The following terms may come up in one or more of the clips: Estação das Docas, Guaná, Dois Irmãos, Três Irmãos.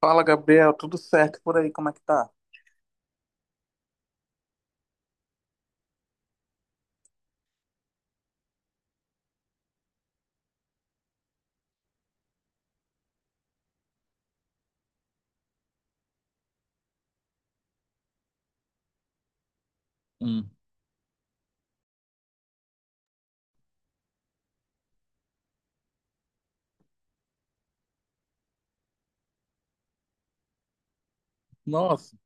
Fala, Gabriel, tudo certo por aí? Como é que tá? Hum. Nossa,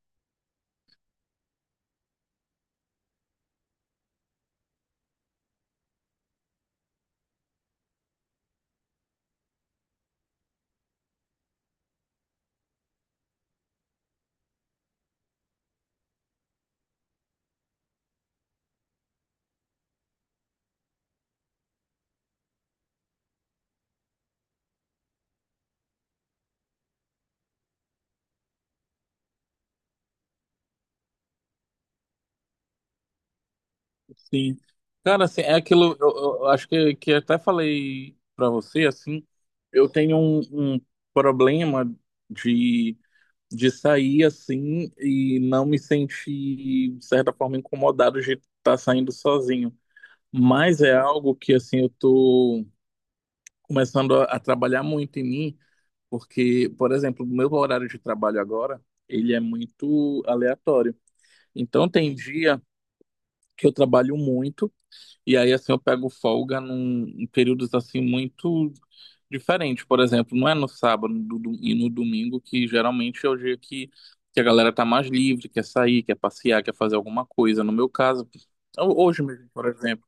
sim. Cara, assim, é aquilo, acho que até falei pra você, assim, eu tenho um, um problema de de sair assim e não me sentir, de certa forma, incomodado de estar saindo sozinho. Mas é algo que, assim, eu tô começando a trabalhar muito em mim, porque, por exemplo, o meu horário de trabalho agora, ele é muito aleatório. Então, tem dia que eu trabalho muito, e aí, assim, eu pego folga em períodos, assim, muito diferentes. Por exemplo, não é no sábado e no domingo, que geralmente é o dia que a galera tá mais livre, quer sair, quer passear, quer fazer alguma coisa. No meu caso, hoje mesmo, por exemplo.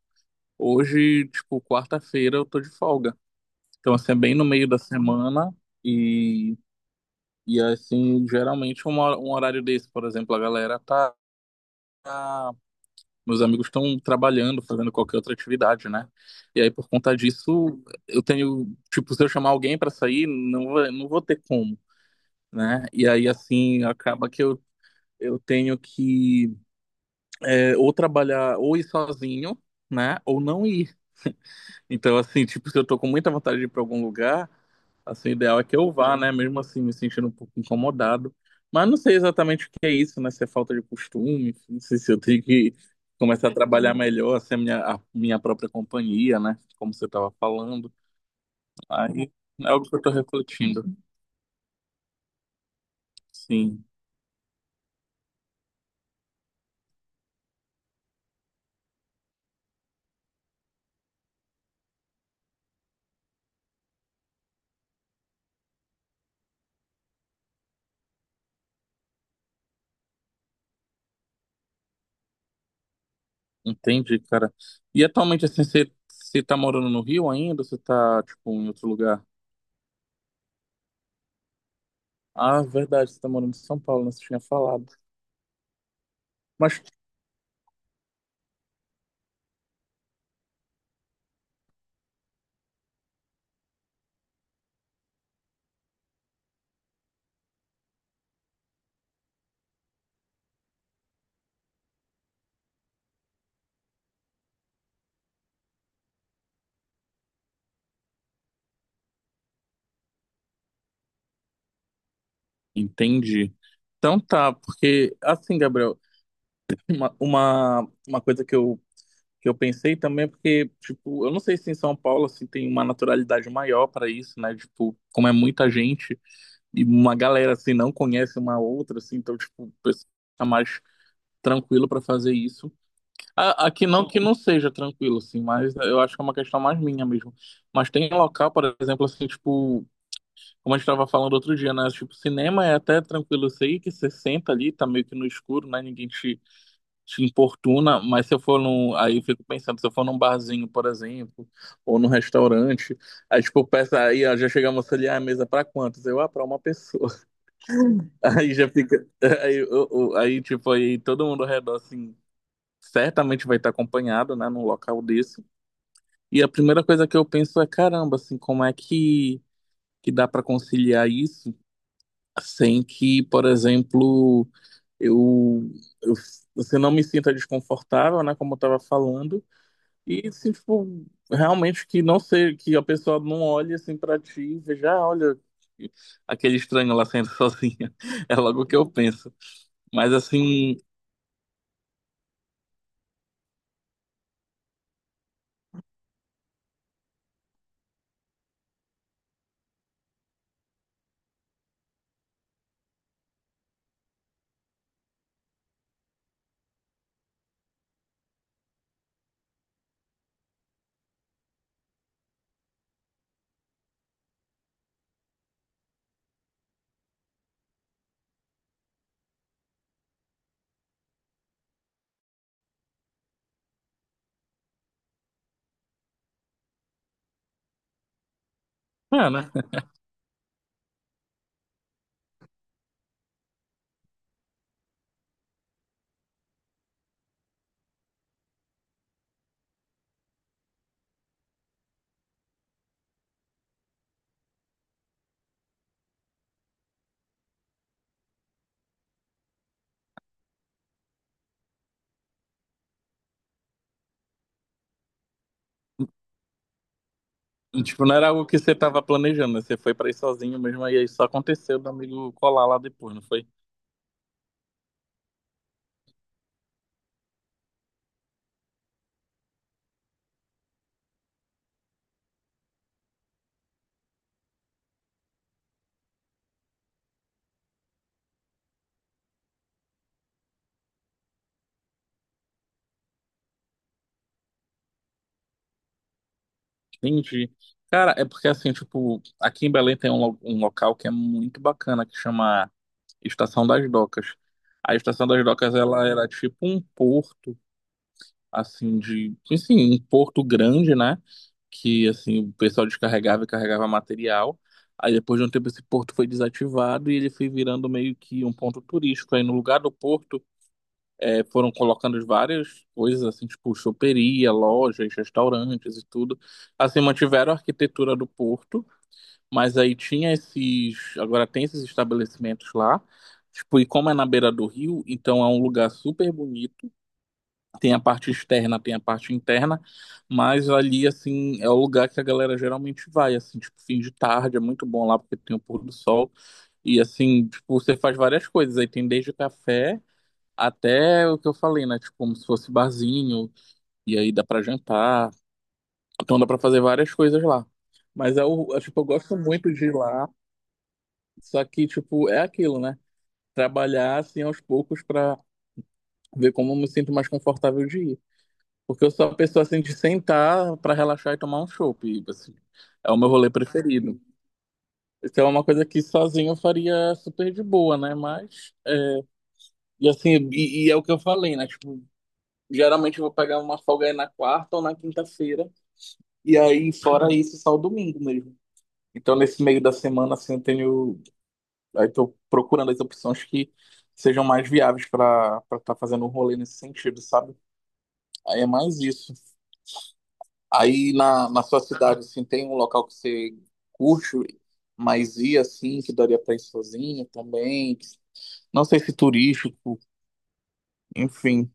Hoje, tipo, quarta-feira eu tô de folga. Então, assim, é bem no meio da semana e, e assim, geralmente um horário desse, por exemplo, a galera tá meus amigos estão trabalhando, fazendo qualquer outra atividade, né? E aí, por conta disso, eu tenho, tipo, se eu chamar alguém para sair, não vou ter como, né? E aí, assim, acaba que eu tenho que é, ou trabalhar, ou ir sozinho, né? Ou não ir. Então, assim, tipo, se eu tô com muita vontade de ir pra algum lugar, assim, o ideal é que eu vá, né? Mesmo assim, me sentindo um pouco incomodado. Mas não sei exatamente o que é isso, né? Se é falta de costume, não sei se eu tenho que começar a trabalhar melhor, assim, a minha própria companhia, né? Como você tava falando. Aí é algo que eu tô refletindo. Sim, entendi, cara. E atualmente, assim, você, você tá morando no Rio ainda, ou você tá, tipo, em outro lugar? Ah, verdade, você tá morando em São Paulo, né? Você tinha falado. Mas entendi. Então tá, porque assim, Gabriel, uma coisa que eu pensei também é porque, tipo, eu não sei se em São Paulo assim, tem uma naturalidade maior para isso, né? Tipo, como é muita gente e uma galera assim não conhece uma outra, assim, então, tipo, o pessoal tá mais tranquilo para fazer isso. Aqui não que não seja tranquilo, assim, mas eu acho que é uma questão mais minha mesmo. Mas tem local, por exemplo, assim, tipo. Como a gente estava falando outro dia, né? Tipo, cinema é até tranquilo isso aí, que você senta ali, tá meio que no escuro, né? Te importuna, mas se eu for num. Aí eu fico pensando, se eu for num barzinho, por exemplo, ou num restaurante, aí tipo, peça aí, ó, já chegamos ali, ah, a mesa é pra quantos? Eu, ah, pra uma pessoa. Aí já fica. Aí, aí tipo, aí todo mundo ao redor, assim, certamente vai estar acompanhado, né? Num local desse. E a primeira coisa que eu penso é, caramba, assim, como é que dá pra conciliar isso? Sem que, por exemplo, eu, eu você não me sinta desconfortável, né, como eu tava falando, e se tipo, realmente que não sei, que a pessoa não olhe assim para ti e veja, ah, olha, aquele estranho lá saindo sozinha. É logo o que eu penso. Mas assim, é, né? Tipo, não era algo que você estava planejando, né? Você foi para ir sozinho mesmo, e aí só aconteceu do amigo colar lá depois, não foi? Entendi. Cara, é porque assim, tipo, aqui em Belém tem um local que é muito bacana que chama Estação das Docas. A Estação das Docas, ela era tipo um porto, assim, um porto grande, né? Que, assim, o pessoal descarregava e carregava material. Aí depois de um tempo esse porto foi desativado e ele foi virando meio que um ponto turístico. Aí no lugar do porto foram colocando várias coisas, assim, tipo choperia, lojas, restaurantes e tudo. Assim, mantiveram a arquitetura do porto, mas aí tinha esses. Agora tem esses estabelecimentos lá. Tipo, e como é na beira do rio, então é um lugar super bonito. Tem a parte externa, tem a parte interna, mas ali, assim, é o lugar que a galera geralmente vai, assim, tipo, fim de tarde, é muito bom lá porque tem o pôr do sol. E assim, tipo, você faz várias coisas. Aí tem desde café até o que eu falei, né? Tipo, como se fosse barzinho, e aí dá pra jantar. Então dá pra fazer várias coisas lá. Mas é, tipo, eu gosto muito de ir lá, só que, tipo, é aquilo, né? Trabalhar, assim, aos poucos pra ver como eu me sinto mais confortável de ir. Porque eu sou a pessoa, assim, de sentar pra relaxar e tomar um chopp, e, assim, é o meu rolê preferido. Isso é uma coisa que sozinho eu faria super de boa, né? Mas, e assim, e é o que eu falei, né? Tipo, geralmente eu vou pegar uma folga aí na quarta ou na quinta-feira. E aí, fora isso, só o domingo mesmo. Então, nesse meio da semana, assim, eu tenho. Aí, tô procurando as opções que sejam mais viáveis para estar fazendo um rolê nesse sentido, sabe? Aí é mais isso. Aí, na sua cidade, assim, tem um local que você curte, mas ir, assim, que daria para ir sozinho também. Não sei se turístico, enfim.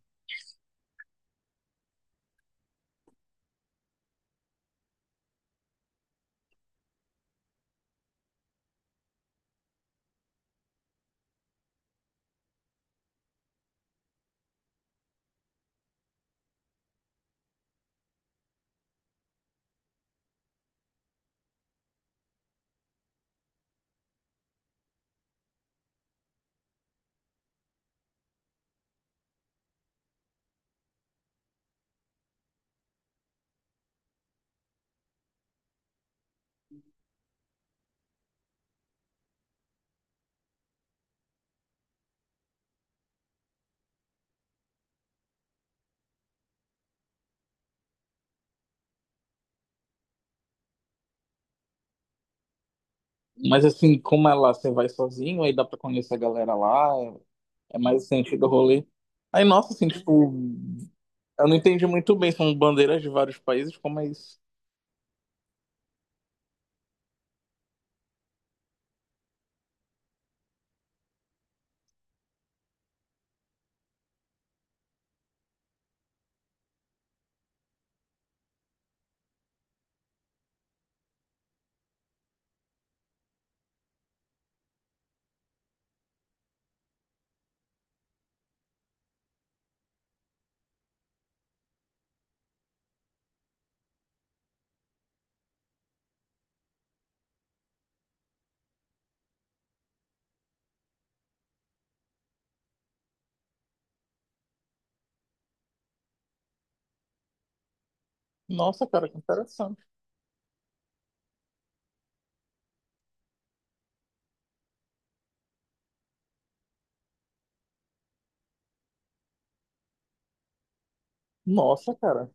Mas, assim, como é lá, você vai sozinho, aí dá para conhecer a galera lá, é mais o sentido do rolê. Aí, nossa, assim, tipo, eu não entendi muito bem, são bandeiras de vários países, como é isso? Nossa, cara, que interessante. Nossa, cara.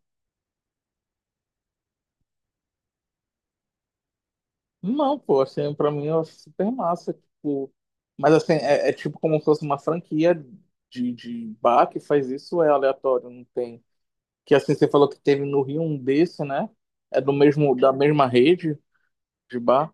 Não, pô, assim, pra mim é super massa, tipo... Mas, assim, é, é tipo como se fosse uma franquia de bar que faz isso, é aleatório, não tem... Que, assim, você falou que teve no Rio um desse, né? É do mesmo, da mesma rede de bar?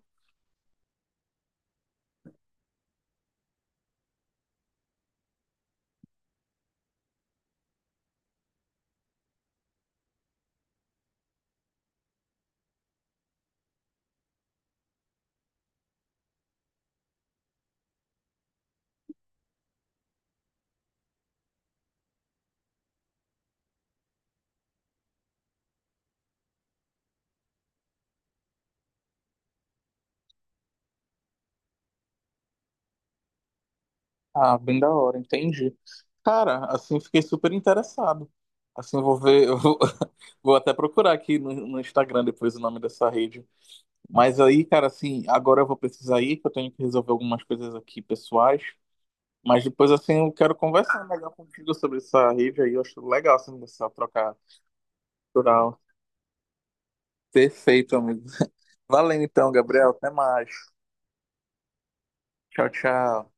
Ah, bem da hora, entendi. Cara, assim, fiquei super interessado. Assim, eu vou ver, eu vou, vou até procurar aqui no, no Instagram depois o nome dessa rede. Mas aí, cara, assim, agora eu vou precisar ir, que eu tenho que resolver algumas coisas aqui pessoais. Mas depois, assim, eu quero conversar melhor contigo sobre essa rede aí. Eu acho legal, assim, essa troca cultural. Perfeito, amigo. Valeu então, Gabriel. Até mais. Tchau, tchau.